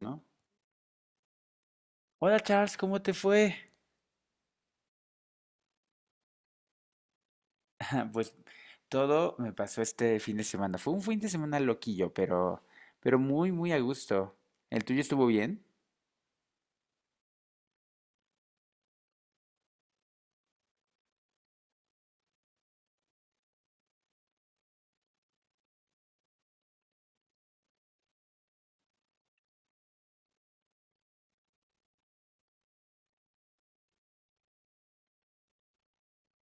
¿No? Hola Charles, ¿cómo te fue? Pues todo me pasó este fin de semana. Fue un fin de semana loquillo, pero muy, muy a gusto. ¿El tuyo estuvo bien?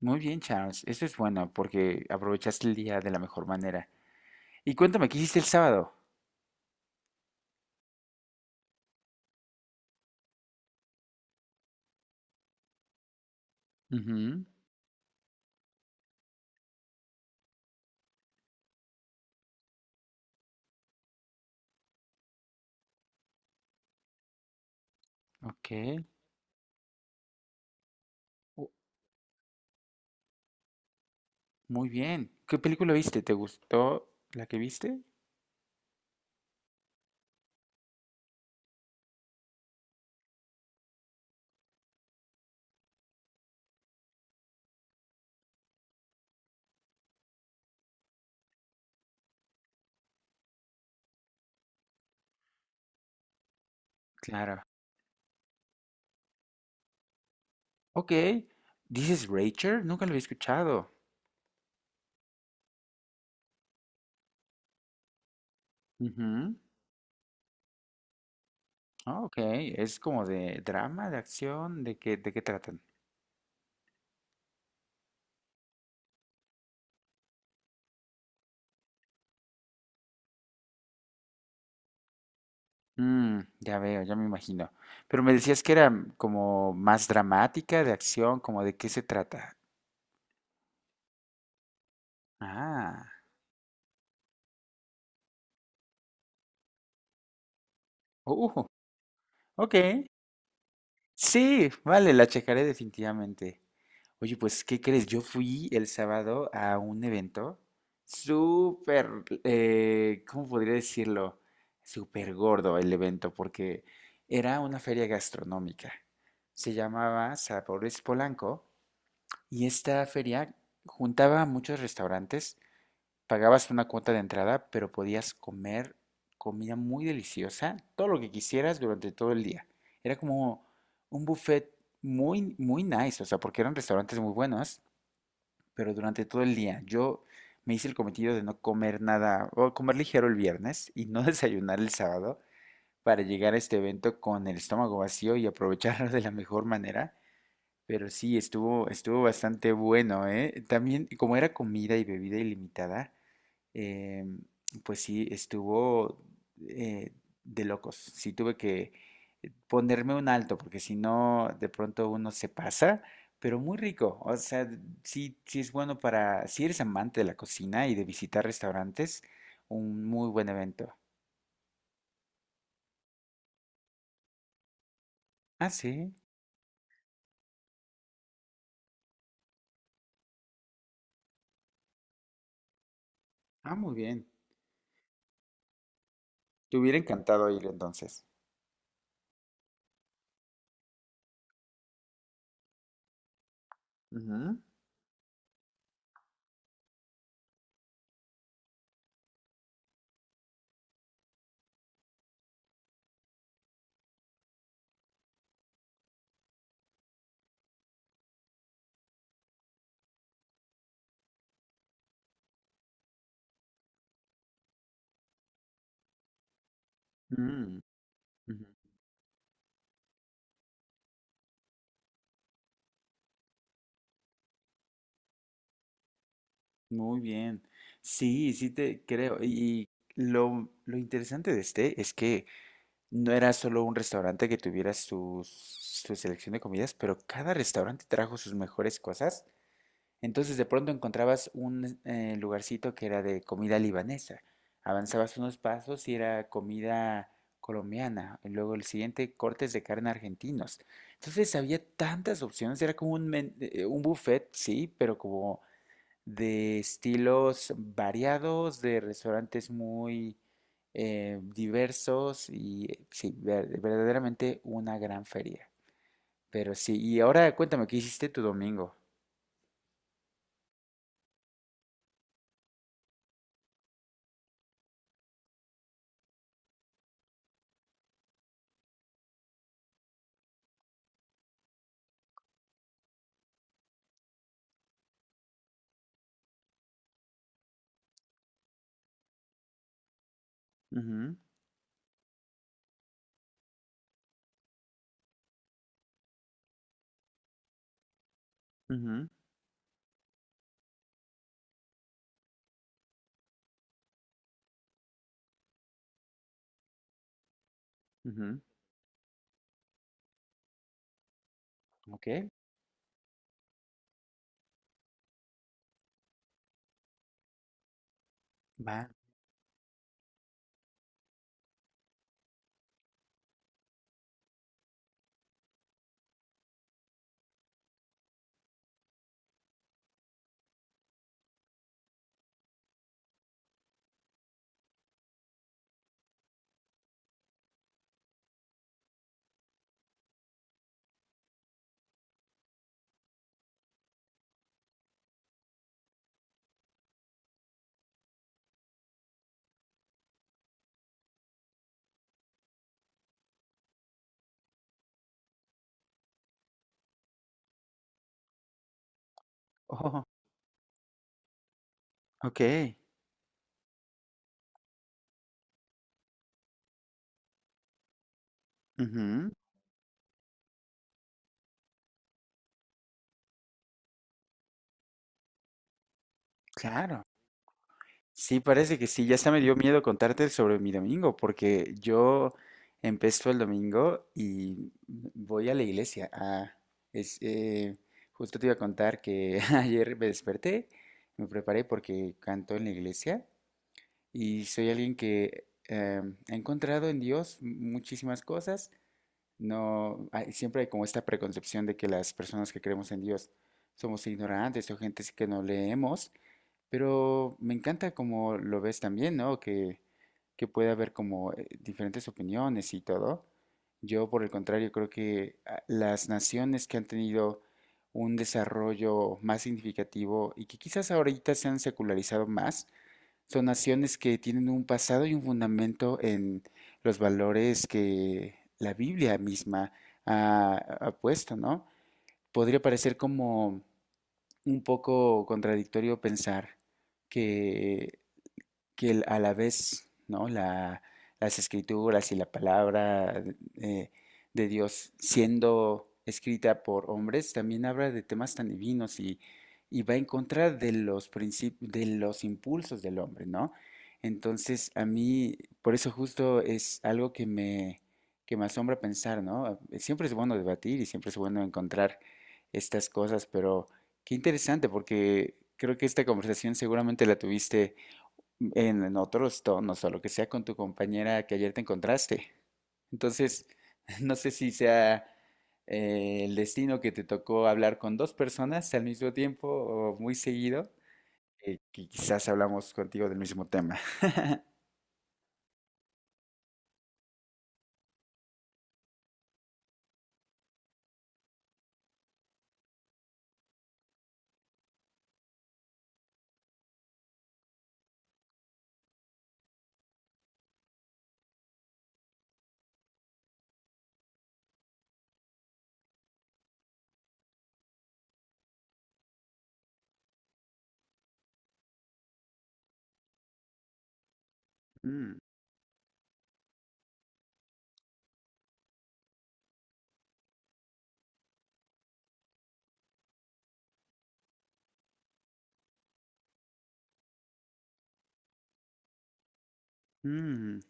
Muy bien, Charles. Eso es bueno porque aprovechaste el día de la mejor manera. Y cuéntame, ¿qué hiciste el sábado? Ujú, ok. Oh, muy bien. ¿Qué película viste? ¿Te gustó la que viste? Claro. Ok. ¿Dices Rachel? Nunca lo había escuchado. Ujú. Ah, ok, es como de drama, de acción, de qué tratan? Mm, ya veo, ya me imagino. Pero me decías que era como más dramática, de acción, como de qué se trata. Ah, uh, ok, sí, vale, la checaré definitivamente. Oye, pues, ¿qué crees? Yo fui el sábado a un evento súper, ¿cómo podría decirlo? Súper gordo el evento, porque era una feria gastronómica. Se llamaba Sabores Polanco y esta feria juntaba a muchos restaurantes, pagabas una cuota de entrada, pero podías comer comida muy deliciosa, todo lo que quisieras durante todo el día. Era como un buffet muy, muy nice, o sea, porque eran restaurantes muy buenos pero durante todo el día. Yo me hice el cometido de no comer nada, o comer ligero el viernes y no desayunar el sábado para llegar a este evento con el estómago vacío y aprovecharlo de la mejor manera. Pero sí, estuvo bastante bueno, ¿eh? También, como era comida y bebida ilimitada, eh, pues sí, estuvo eh, de locos. Sí tuve que ponerme un alto, porque si no, de pronto uno se pasa, pero muy rico. O sea, sí, sí es bueno para, si eres amante de la cocina y de visitar restaurantes, un muy buen evento. Ah, sí. Ah, muy bien. Te hubiera encantado ir entonces. Ujú. Mm, ujú. Muy bien. Sí, sí te creo. Y lo interesante de este es que no era solo un restaurante que tuviera su su, selección de comidas, pero cada restaurante trajo sus mejores cosas. Entonces de pronto encontrabas un lugarcito que era de comida libanesa. Avanzabas unos pasos y era comida colombiana. Y luego el siguiente, cortes de carne argentinos. Entonces había tantas opciones. Era como un, un buffet, sí, pero como de estilos variados, de restaurantes muy diversos y sí, verdaderamente una gran feria. Pero sí, y ahora cuéntame, ¿qué hiciste tu domingo? Ujú, ujú, ujú. Ok, va. Oh, ok. Ujú, claro. Sí, parece que sí. Ya hasta me dio miedo contarte sobre mi domingo, porque yo empezó el domingo y voy a la iglesia. Ah, es, justo te iba a contar que ayer me desperté, me preparé porque canto en la iglesia y soy alguien que ha encontrado en Dios muchísimas cosas. No, siempre hay como esta preconcepción de que las personas que creemos en Dios somos ignorantes o gente que no leemos. Pero me encanta como lo ves también, ¿no? Que puede haber como diferentes opiniones y todo. Yo, por el contrario, creo que ah, las naciones que han tenido un desarrollo más significativo y que quizás ahorita se han secularizado más, son naciones que tienen un pasado y un fundamento en los valores que la Biblia misma ha puesto, ¿no? Podría parecer como un poco contradictorio pensar que a la vez, ¿no? La, las escrituras y la palabra eh, de Dios siendo escrita por hombres, también habla de temas tan divinos y va en contra de los de los impulsos del hombre, ¿no? Entonces, a mí, por eso justo es algo que me asombra pensar, ¿no? Siempre es bueno debatir y siempre es bueno encontrar estas cosas, pero qué interesante, porque creo que esta conversación seguramente la tuviste en otros tonos o lo que sea con tu compañera que ayer te encontraste. Entonces, no sé si sea el destino que te tocó hablar con dos personas al mismo tiempo o muy seguido, que quizás hablamos contigo del mismo tema. Mm, mm,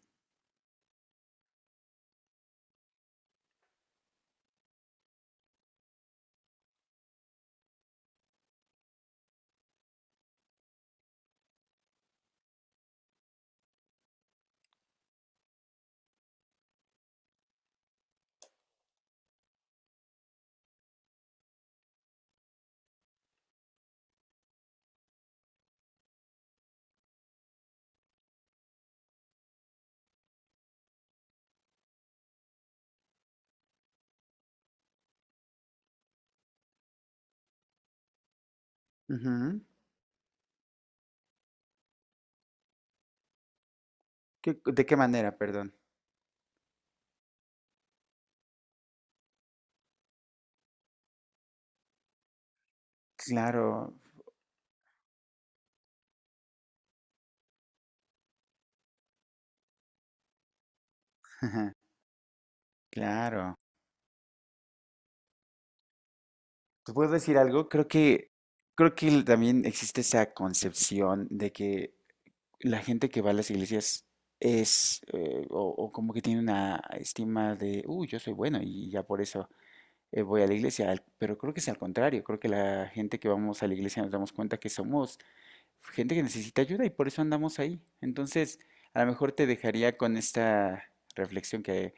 ujú. ¿Qué- de qué manera, perdón? Claro, claro. ¿Te puedo decir algo? Creo que también existe esa concepción de que la gente que va a las iglesias es, o como que tiene una estima de, uy, yo soy bueno y ya por eso voy a la iglesia, al- pero creo que es al contrario, creo que la gente que vamos a la iglesia nos damos cuenta que somos gente que necesita ayuda y por eso andamos ahí. Entonces, a lo mejor te dejaría con esta reflexión que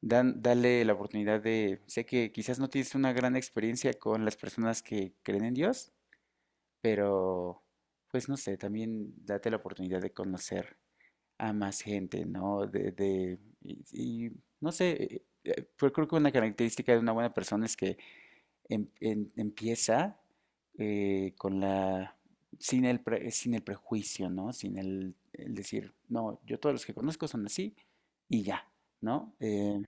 dale la oportunidad de, sé que quizás no tienes una gran experiencia con las personas que creen en Dios, pero pues no sé, también date la oportunidad de conocer a más gente, ¿no? Y no sé, pues creo que una característica de una buena persona es que empieza con la, sin el prejuicio, ¿no? Sin el, el decir, no, yo todos los que conozco son así y ya, ¿no?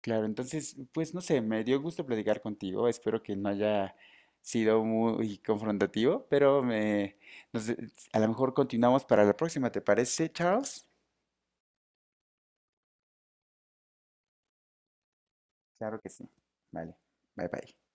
Claro, entonces, pues no sé, me dio gusto platicar contigo, espero que no haya sido muy confrontativo, pero me, nos- a lo mejor continuamos para la próxima, ¿te parece, Charles? Claro que sí. Vale. Bye bye.